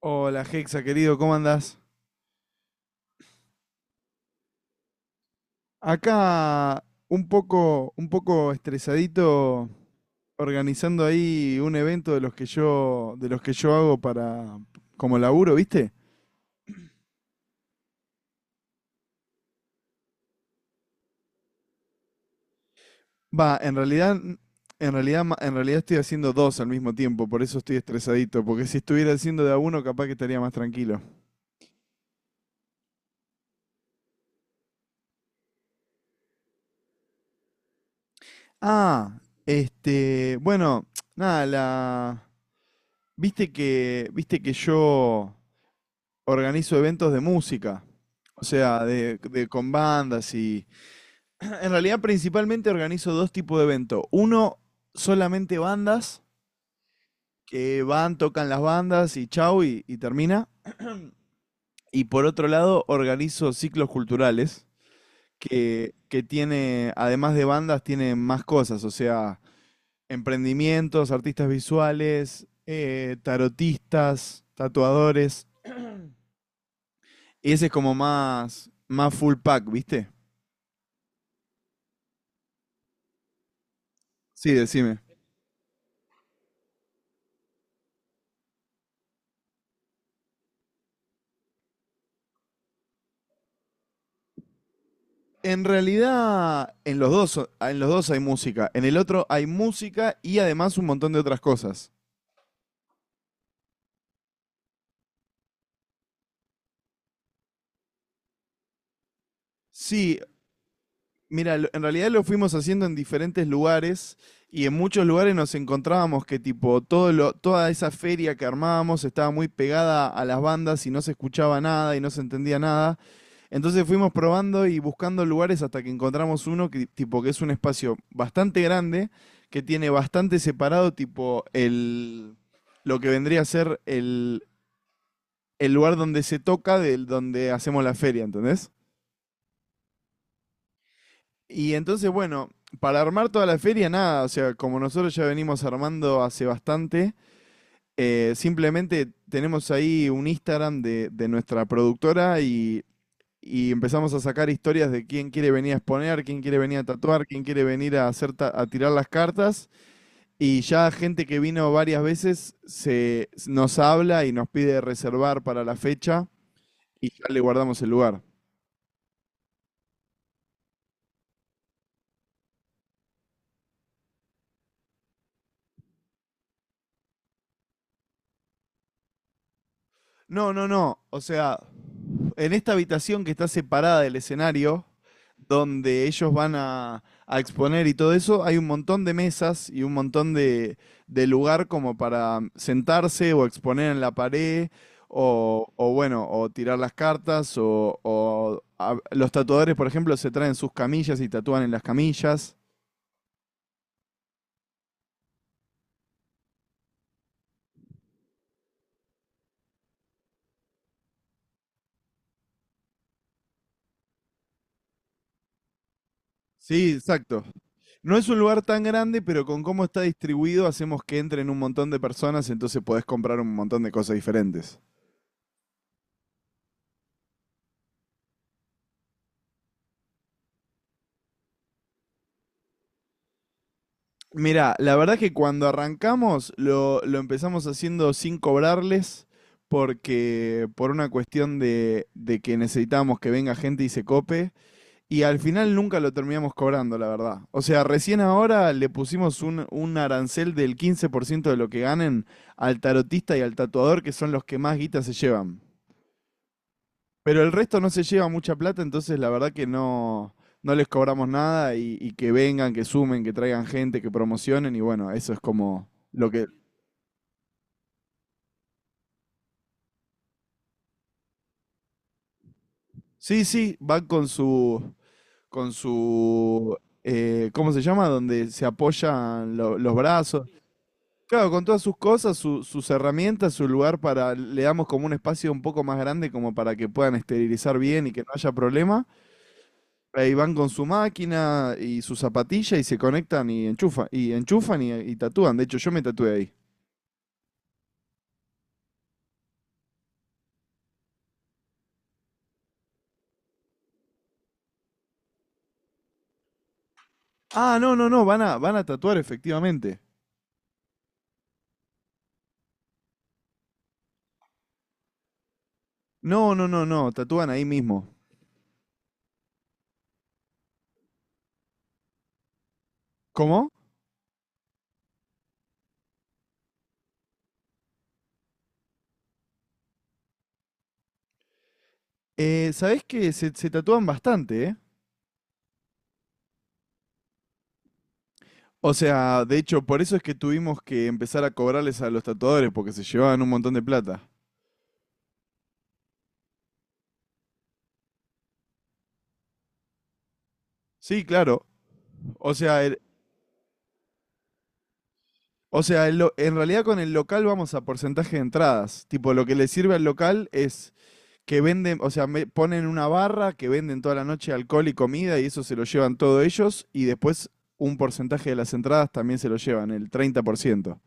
Hola Hexa, querido, ¿cómo andás? Acá un poco estresadito organizando ahí un evento de los que yo hago para como laburo, ¿viste? Va, en realidad, en realidad, en realidad estoy haciendo dos al mismo tiempo, por eso estoy estresadito, porque si estuviera haciendo de a uno, capaz que estaría más tranquilo. Ah, este, bueno, nada, viste que yo organizo eventos de música, o sea, con bandas y... En realidad principalmente organizo dos tipos de eventos. Uno, solamente bandas, que van, tocan las bandas y chau y termina. Y por otro lado, organizo ciclos culturales, que tiene, además de bandas, tiene más cosas, o sea, emprendimientos, artistas visuales, tarotistas, tatuadores. Y ese es como más, más full pack, ¿viste? Sí, decime. En realidad, en los dos hay música. En el otro hay música y además un montón de otras cosas. Sí. Mira, en realidad lo fuimos haciendo en diferentes lugares y en muchos lugares nos encontrábamos que tipo toda esa feria que armábamos estaba muy pegada a las bandas y no se escuchaba nada y no se entendía nada. Entonces fuimos probando y buscando lugares hasta que encontramos uno que tipo que es un espacio bastante grande que tiene bastante separado tipo el lo que vendría a ser el lugar donde se toca del donde hacemos la feria, ¿entendés? Y entonces, bueno, para armar toda la feria, nada, o sea, como nosotros ya venimos armando hace bastante, simplemente tenemos ahí un Instagram de nuestra productora y empezamos a sacar historias de quién quiere venir a exponer, quién quiere venir a tatuar, quién quiere venir a, hacer a tirar las cartas. Y ya gente que vino varias veces nos habla y nos pide reservar para la fecha y ya le guardamos el lugar. No, no, no. O sea, en esta habitación que está separada del escenario, donde ellos van a exponer y todo eso, hay un montón de mesas y un montón de lugar como para sentarse o exponer en la pared, o bueno, o tirar las cartas, los tatuadores, por ejemplo, se traen sus camillas y tatúan en las camillas. Sí, exacto. No es un lugar tan grande, pero con cómo está distribuido hacemos que entren un montón de personas, entonces podés comprar un montón de cosas diferentes. Mirá, la verdad es que cuando arrancamos lo empezamos haciendo sin cobrarles porque por una cuestión de que necesitábamos que venga gente y se cope y al final nunca lo terminamos cobrando, la verdad. O sea, recién ahora le pusimos un arancel del 15% de lo que ganen al tarotista y al tatuador, que son los que más guita se llevan. Pero el resto no se lleva mucha plata, entonces la verdad que no, no les cobramos nada y que vengan, que sumen, que traigan gente, que promocionen y bueno, eso es como lo que... Sí, sí, van con su, ¿cómo se llama? Donde se apoyan los brazos. Claro, con todas sus cosas, sus herramientas, su lugar para, le damos como un espacio un poco más grande como para que puedan esterilizar bien y que no haya problema. Ahí van con su máquina y su zapatilla y se conectan y enchufan y enchufan y tatúan. De hecho, yo me tatué ahí. Ah, no, no, no, van a tatuar efectivamente. No, no, no, no, tatúan ahí mismo. ¿Cómo? ¿Sabés que se tatúan bastante, eh? O sea, de hecho, por eso es que tuvimos que empezar a cobrarles a los tatuadores porque se llevaban un montón de plata. Sí, claro. O sea, el- o sea, en realidad con el local vamos a porcentaje de entradas. Tipo, lo que le sirve al local es que venden, o sea, me ponen una barra que venden toda la noche alcohol y comida y eso se lo llevan todos ellos y después un porcentaje de las entradas también se lo llevan, el 30%.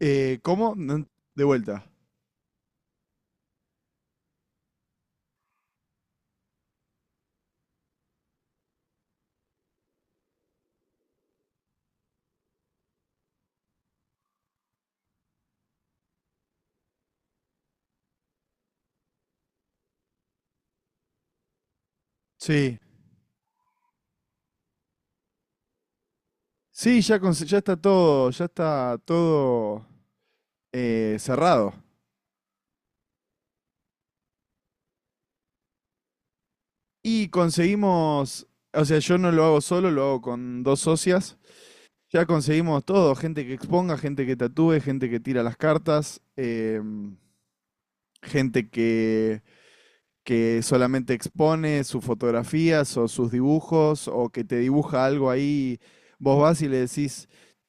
¿Cómo? No ent- De vuelta. Sí. Sí, ya, ya está todo cerrado. Y conseguimos, o sea, yo no lo hago solo, lo hago con dos socias. Ya conseguimos todo, gente que exponga, gente que tatúe, gente que tira las cartas, em, gente que solamente expone sus fotografías o sus dibujos o que te dibuja algo ahí. Vos vas y le decís,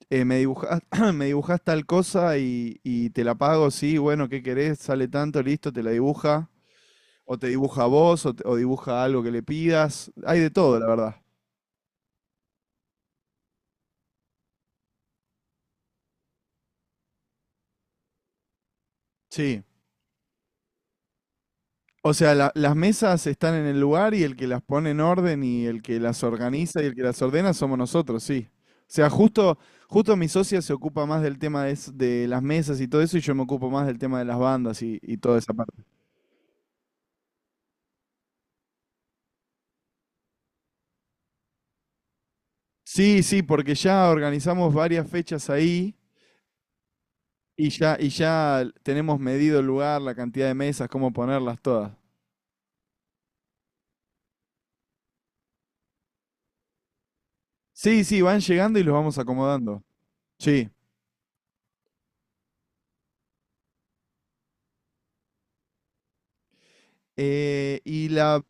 me dibujas, me dibujas tal cosa y te la pago, sí, bueno, ¿qué querés? Sale tanto, listo, te la dibuja. O te dibuja a vos, o dibuja algo que le pidas. Hay de todo, la verdad. Sí. O sea, las mesas están en el lugar y el que las pone en orden y el que las organiza y el que las ordena somos nosotros, sí. O sea, justo, justo mi socia se ocupa más del tema de, de las mesas y todo eso y yo me ocupo más del tema de las bandas y toda esa parte. Sí, sí, porque ya organizamos varias fechas ahí y ya tenemos medido el lugar, la cantidad de mesas, cómo ponerlas todas. Sí, sí, van llegando y los vamos acomodando. Sí. Y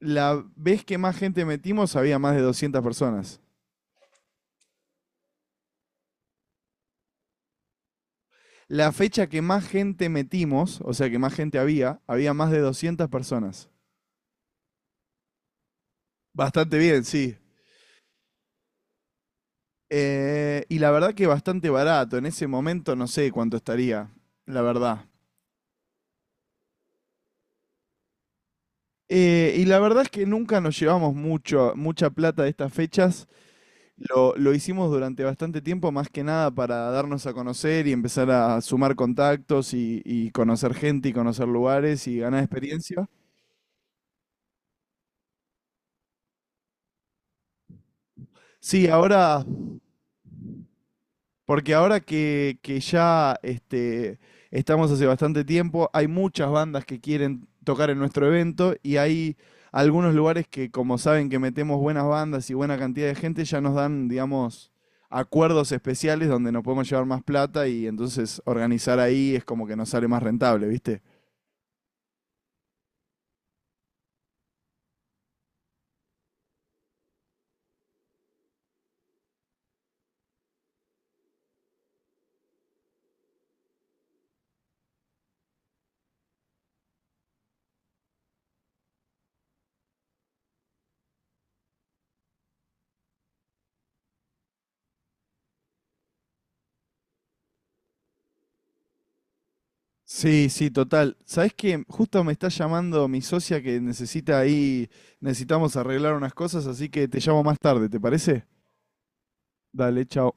la vez que más gente metimos había más de 200 personas. La fecha que más gente metimos, o sea, que más gente había, había más de 200 personas. Bastante bien, sí. Y la verdad que bastante barato. En ese momento no sé cuánto estaría, la verdad. Y la verdad es que nunca nos llevamos mucho, mucha plata de estas fechas. Lo hicimos durante bastante tiempo, más que nada para darnos a conocer y empezar a sumar contactos y conocer gente y conocer lugares y ganar experiencia. Sí, ahora. Porque ahora que ya este, estamos hace bastante tiempo, hay muchas bandas que quieren tocar en nuestro evento y hay algunos lugares que, como saben que metemos buenas bandas y buena cantidad de gente, ya nos dan, digamos, acuerdos especiales donde nos podemos llevar más plata y entonces organizar ahí es como que nos sale más rentable, ¿viste? Sí, sí, total. ¿Sabés qué? Justo me está llamando mi socia que necesita ahí, necesitamos arreglar unas cosas, así que te llamo más tarde, ¿te parece? Dale, chao.